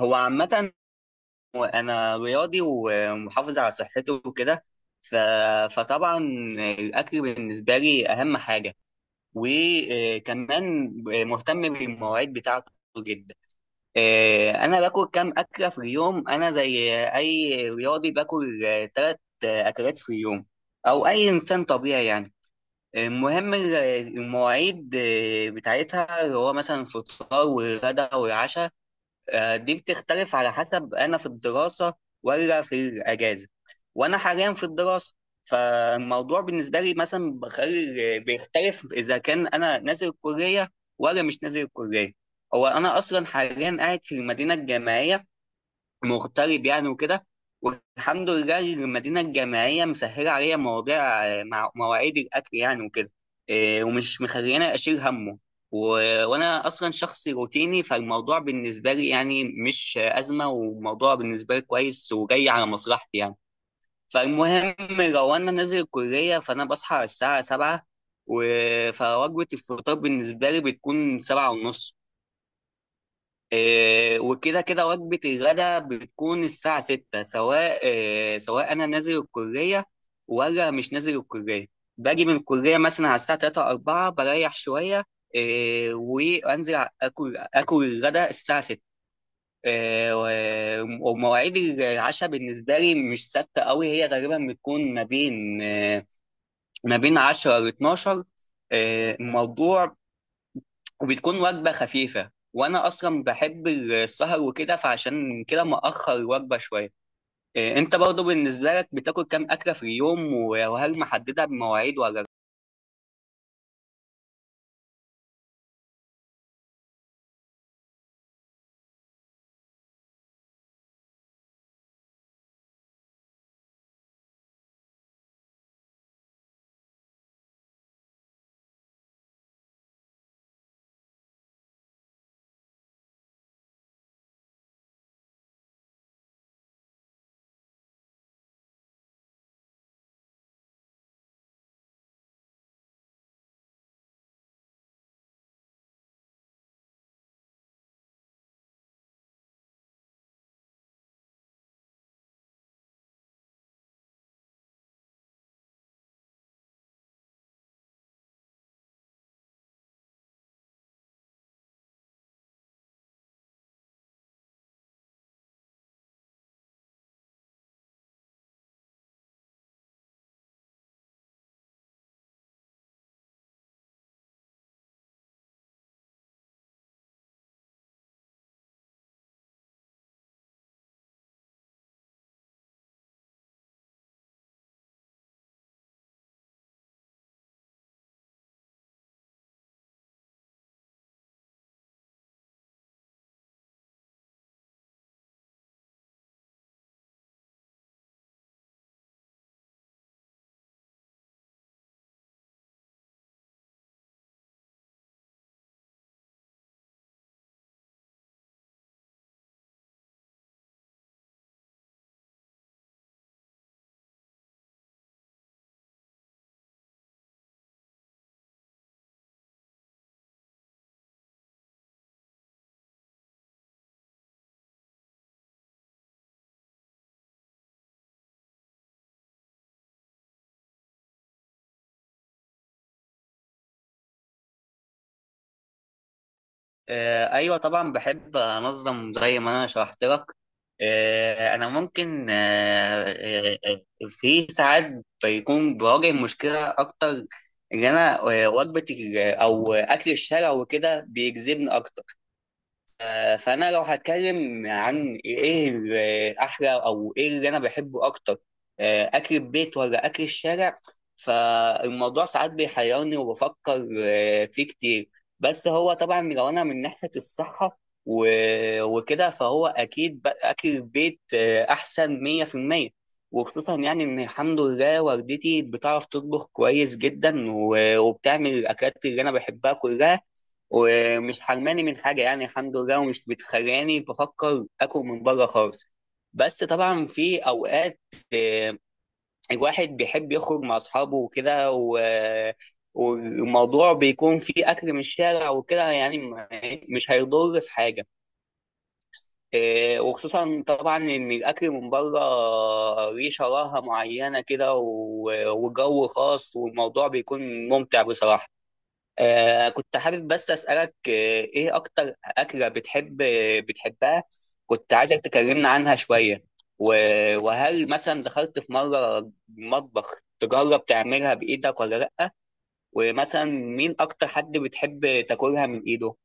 هو عامة، أنا رياضي ومحافظ على صحته وكده. ف... فطبعا الأكل بالنسبة لي أهم حاجة، وكمان مهتم بالمواعيد بتاعته جدا. أنا باكل كام أكلة في اليوم؟ أنا زي أي رياضي باكل 3 أكلات في اليوم، أو أي إنسان طبيعي يعني. المهم المواعيد، بتاعتها اللي هو مثلا الفطار والغدا والعشاء. دي بتختلف على حسب انا في الدراسه ولا في الاجازه. وانا حاليا في الدراسه، فالموضوع بالنسبه لي مثلا بخلي بيختلف اذا كان انا نازل الكليه ولا مش نازل الكليه. هو انا اصلا حاليا قاعد في المدينه الجامعيه، مغترب يعني وكده. والحمد لله، المدينة الجامعية مسهلة عليا مواضيع، مع مواعيد الأكل يعني وكده. إيه، ومش مخليني أشيل همه. و... وأنا أصلا شخص روتيني، فالموضوع بالنسبة لي يعني مش أزمة، وموضوع بالنسبة لي كويس وجاي على مصلحتي يعني. فالمهم، لو أنا نازل الكلية فأنا بصحى على الساعة 7، و... فوجبة الفطار بالنسبة لي بتكون 7:30. إيه، وكده كده وجبة الغداء بتكون الساعة 6، سواء إيه سواء أنا نازل الكلية ولا مش نازل الكلية. باجي من الكلية مثلا على الساعة 3 أو 4، بريح شوية، إيه، وأنزل آكل الغداء الساعة 6. إيه ومواعيد العشاء بالنسبة لي مش ثابتة أوي، هي غالبا بتكون ما بين إيه، ما بين عشرة لاتناشر، 12. الموضوع وبتكون وجبة خفيفة، وأنا أصلا بحب السهر وكده، فعشان كده مأخر الوجبة شوية. إيه، أنت برضه بالنسبة لك بتاكل كام أكلة في اليوم، وهل محددة بمواعيد ولا لأ؟ إيه، أيوة طبعا بحب أنظم زي ما أنا شرحت لك. إيه، أنا ممكن آه، إيه، إيه، في ساعات بيكون بواجه مشكلة أكتر. إن أنا وجبة أو أكل الشارع وكده بيجذبني أكتر. فانا لو هتكلم عن ايه احلى او ايه اللي انا بحبه اكتر، اكل البيت ولا اكل الشارع. فالموضوع ساعات بيحيرني، وبفكر فيه كتير. بس هو طبعا لو انا من ناحية الصحة وكده، فهو اكيد اكل البيت احسن 100%، وخصوصا يعني ان الحمد لله والدتي بتعرف تطبخ كويس جدا، وبتعمل الاكلات اللي انا بحبها كلها، ومش حرماني من حاجة يعني، الحمد لله، ومش بتخلاني بفكر آكل من بره خالص. بس طبعا في أوقات، آه، الواحد بيحب يخرج مع أصحابه وكده والموضوع بيكون فيه أكل من الشارع وكده يعني، مش هيضر في حاجة. وخصوصا طبعا إن الأكل من بره ليه شراهة معينة كده وجو خاص، والموضوع بيكون ممتع بصراحة. كنت حابب بس أسألك، إيه أكتر أكلة بتحبها؟ كنت عايزك تكلمنا عنها شوية، وهل مثلا دخلت في مرة مطبخ تجرب تعملها بإيدك ولا لأ، ومثلا مين أكتر حد بتحب تاكلها من إيده؟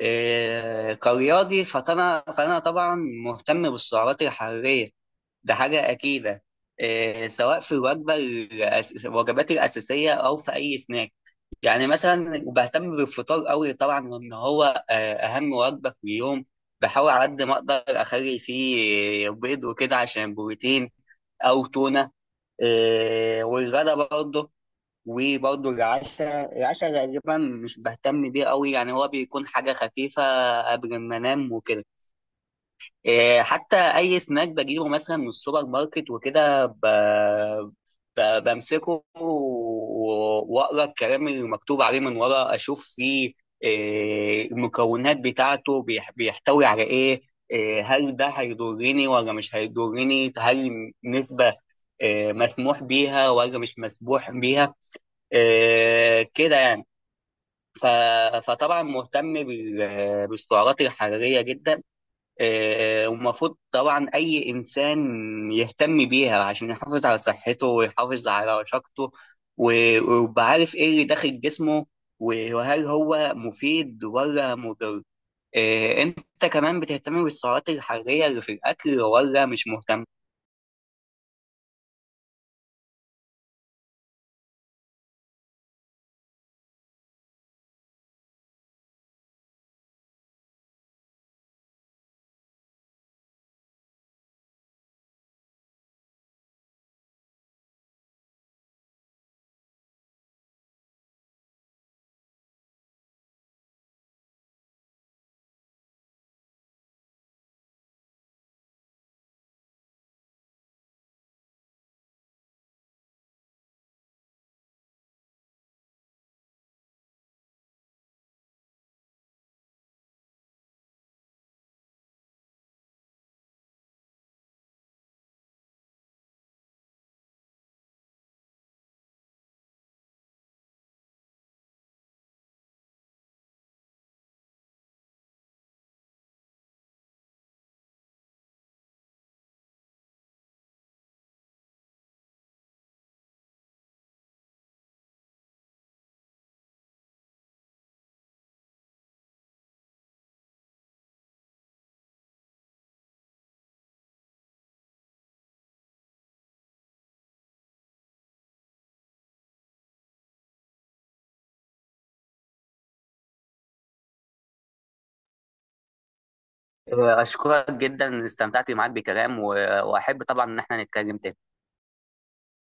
كرياضي فأنا طبعا مهتم بالسعرات الحرارية، ده حاجة أكيدة. سواء في الوجبة الوجبات الأساسية، أو في أي سناك. يعني مثلا وبهتم بالفطار قوي طبعا، وان هو اهم وجبه في اليوم. بحاول على قد ما اقدر اخلي فيه بيض وكده عشان بروتين، او تونه. والغدا برضه. وبرضه العشاء، غالبا مش بهتم بيه قوي، يعني هو بيكون حاجه خفيفه قبل ما انام وكده. إيه، حتى اي سناك بجيبه مثلا من السوبر ماركت وكده، بمسكه واقرا الكلام اللي مكتوب عليه من ورا، اشوف فيه إيه المكونات بتاعته، بيحتوي على ايه، إيه، هل ده هيضرني ولا مش هيضرني، هل نسبة إيه، مسموح بيها ولا مش مسموح بيها. إيه، كده يعني. ف- فطبعا مهتم بالسعرات الحرارية جدا. ومفروض طبعا أي إنسان يهتم بيها عشان يحافظ على صحته ويحافظ على رشاقته، و- ويبقى عارف إيه اللي داخل جسمه، وهل هو مفيد ولا مضر. أنت كمان بتهتم بالسعرات الحرارية اللي في الأكل ولا مش مهتم؟ أشكرك جدا، استمتعت معاك بكلام، وأحب طبعا إن احنا نتكلم تاني.